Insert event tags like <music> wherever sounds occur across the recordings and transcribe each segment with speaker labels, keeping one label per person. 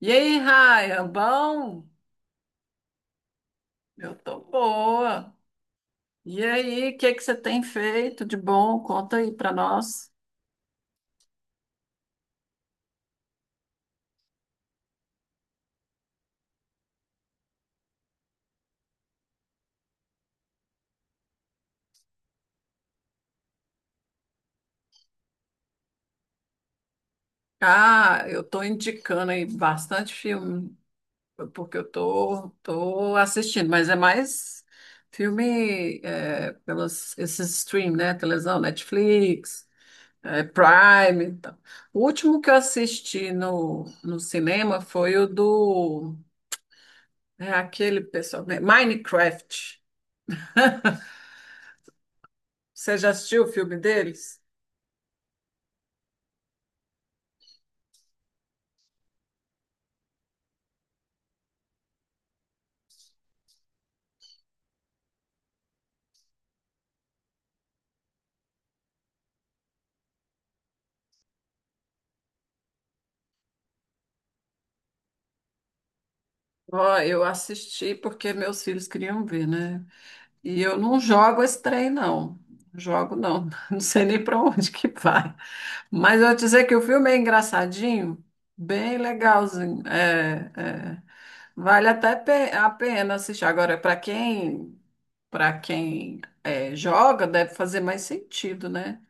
Speaker 1: E aí, Raia, bom? Eu tô boa. E aí, o que que você tem feito de bom? Conta aí pra nós. Ah, eu tô indicando aí bastante filme, porque eu tô assistindo, mas é mais filme pelos esses stream, né? Televisão, Netflix, é, Prime. Então. O último que eu assisti no cinema foi o do aquele pessoal, né? Minecraft. Você já assistiu o filme deles? Ó, eu assisti porque meus filhos queriam ver, né? E eu não jogo esse trem, não. Jogo, não. <laughs> Não sei nem para onde que vai. Mas eu vou dizer que o filme é engraçadinho, bem legalzinho. É, é. Vale até a pena assistir. Agora, para quem joga, deve fazer mais sentido, né?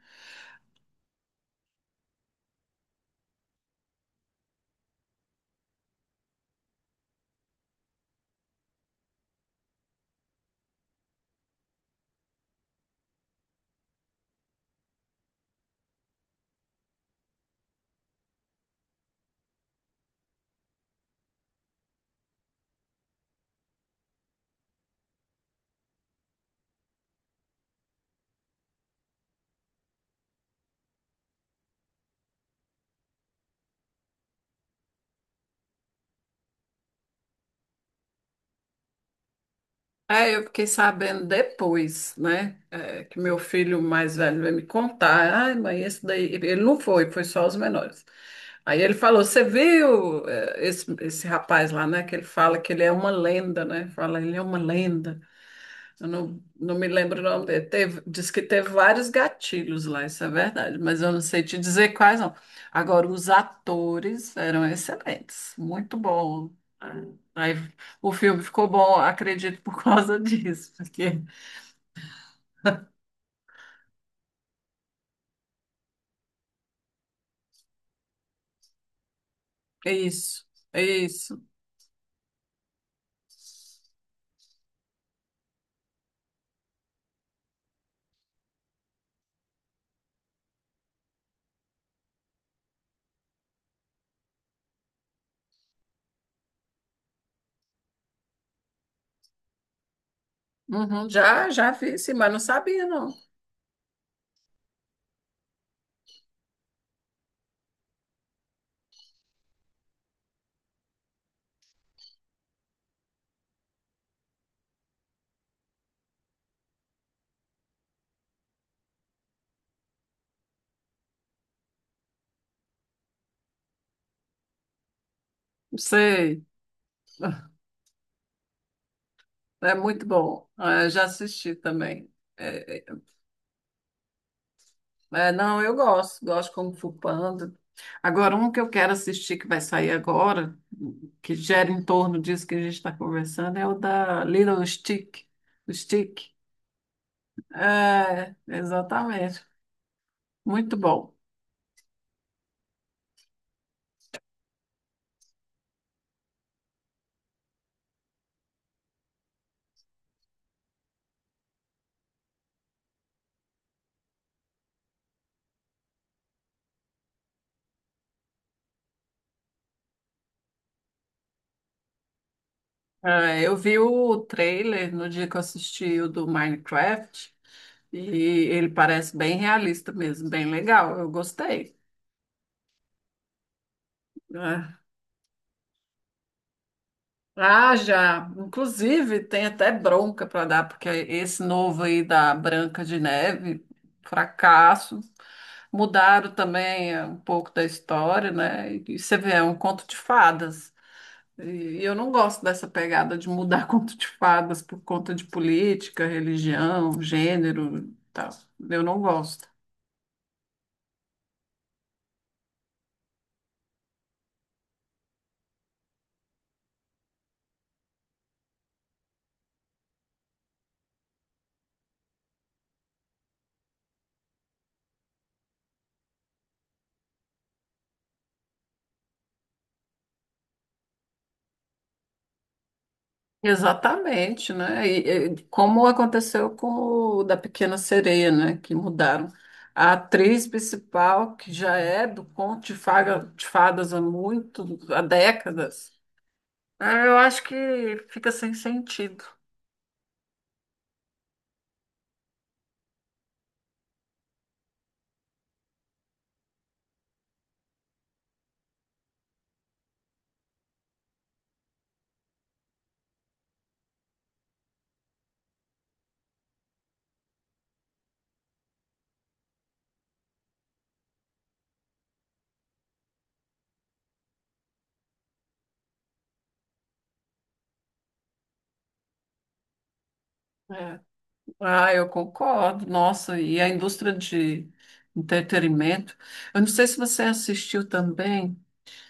Speaker 1: É, eu fiquei sabendo depois, né? Que meu filho mais velho veio me contar. Ai, mãe, esse daí. Ele não foi, foi só os menores. Aí ele falou: Você viu esse rapaz lá, né? Que ele fala que ele é uma lenda, né? Fala, ele é uma lenda. Eu não, não me lembro o nome dele. Teve, diz que teve vários gatilhos lá, isso é verdade, mas eu não sei te dizer quais não. Agora, os atores eram excelentes, muito bom. Aí o filme ficou bom, acredito, por causa <laughs> disso, porque é isso, é isso. Uhum, já vi, sim, mas não sabia, não. Sei, é muito bom. Ah, eu já assisti também. É, é, não, eu gosto, gosto como Kung Fu Panda. Agora, um que eu quero assistir que vai sair agora, que gera em torno disso que a gente está conversando, é o da Little Stick. O Stick. É, exatamente. Muito bom. É, eu vi o trailer no dia que eu assisti o do Minecraft e ele parece bem realista mesmo, bem legal. Eu gostei. É. Ah, já. Inclusive, tem até bronca para dar, porque esse novo aí da Branca de Neve, fracasso. Mudaram também um pouco da história, né? E você vê, é um conto de fadas. E eu não gosto dessa pegada de mudar <laughs> conto de fadas por conta de política, religião, gênero, e tal. Eu não gosto. Exatamente, né? Como aconteceu com o da Pequena Sereia, né? Que mudaram. A atriz principal, que já é do de Fadas há muito, há décadas, ah, eu acho que fica sem sentido. É. Ah, eu concordo. Nossa, e a indústria de entretenimento. Eu não sei se você assistiu também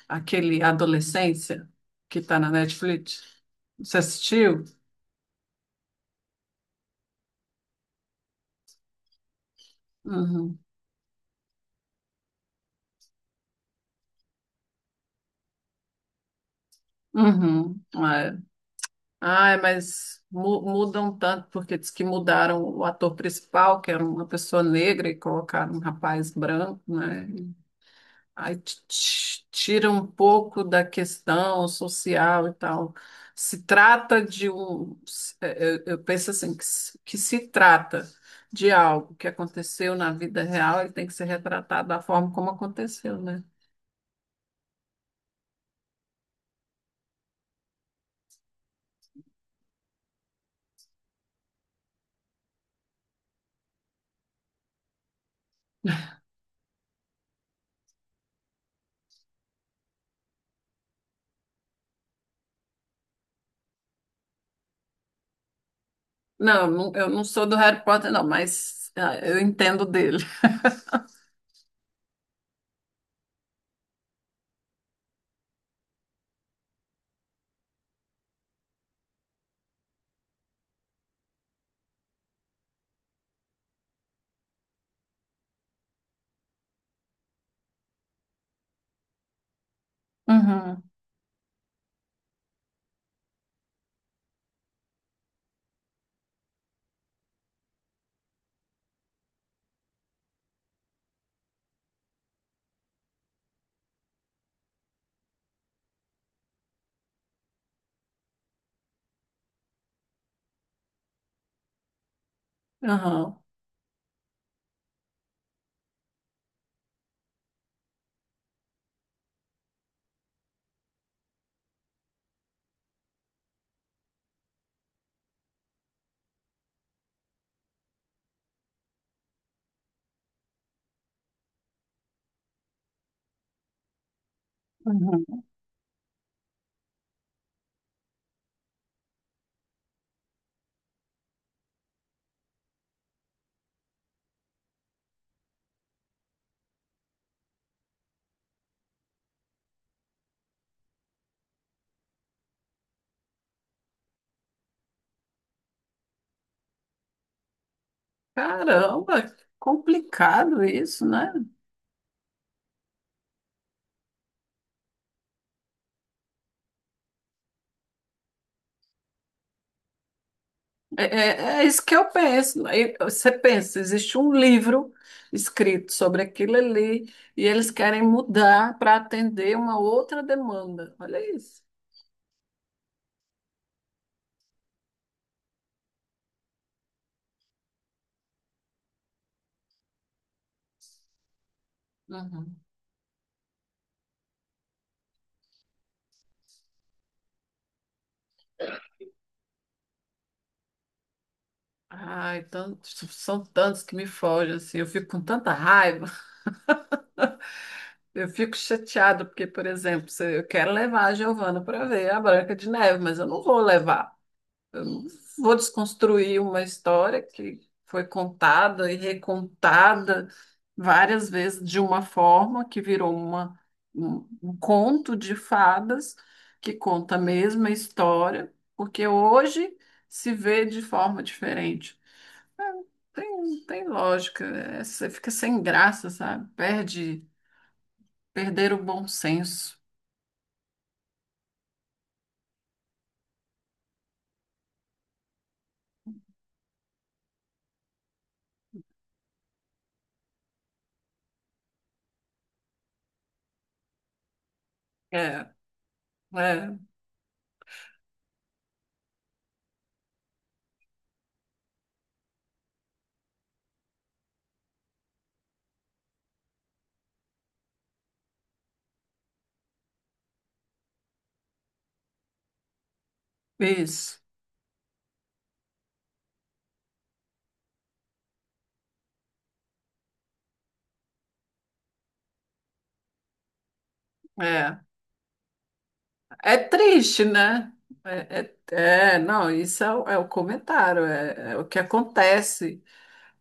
Speaker 1: aquele Adolescência, que está na Netflix. Você assistiu? Uhum. Uhum. Ai, mudam tanto, porque diz que mudaram o ator principal, que era uma pessoa negra, e colocaram um rapaz branco, né? Aí tira um pouco da questão social e tal. Se trata de um. Se- é, é, Eu penso assim, que se trata de algo que aconteceu na vida real, ele tem que ser retratado da forma como aconteceu, né? Não, eu não sou do Harry Potter, não, mas ah, eu entendo dele. Uhum. Aham. Uhum. Caramba, complicado isso, né? É isso que eu penso. Aí você pensa, existe um livro escrito sobre aquilo ali e eles querem mudar para atender uma outra demanda. Olha isso. Uhum. Ai, tantos, são tantos que me fogem, assim, eu fico com tanta raiva, eu fico chateada, porque, por exemplo, se eu quero levar a Giovana para ver a Branca de Neve, mas eu não vou levar. Eu não vou desconstruir uma história que foi contada e recontada várias vezes de uma forma que virou um conto de fadas que conta a mesma história, porque hoje se vê de forma diferente. É, tem, tem lógica, é, você fica sem graça, sabe? Perder o bom senso. É, é, isso. É. É triste, né? É, é- não, o é o comentário, é, é o que acontece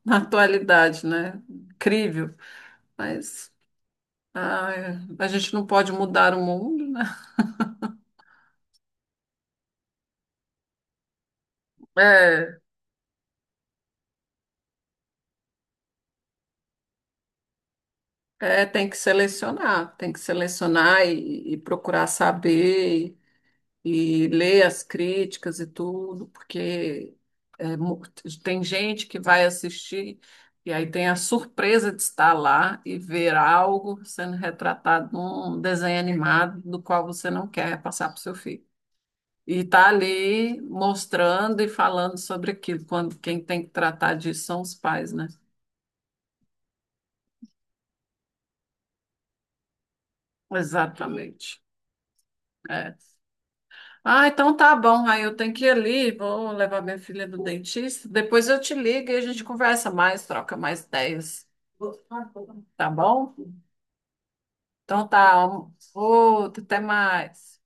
Speaker 1: na atualidade, né? Incrível. Mas ai, a gente não pode mudar o mundo, né? É, tem que selecionar e procurar saber. E ler as críticas e tudo, porque é, mu- tem gente que vai assistir e aí tem a surpresa de estar lá e ver algo sendo retratado num desenho animado do qual você não quer passar para o seu filho. E tá ali mostrando e falando sobre aquilo, quando quem tem que tratar disso são os pais, né? Exatamente. É. Ah, então tá bom. Aí eu tenho que ir ali, vou levar minha filha no dentista. Depois eu te ligo e a gente conversa mais, troca mais ideias. Tá bom? Então tá. Outro, até mais.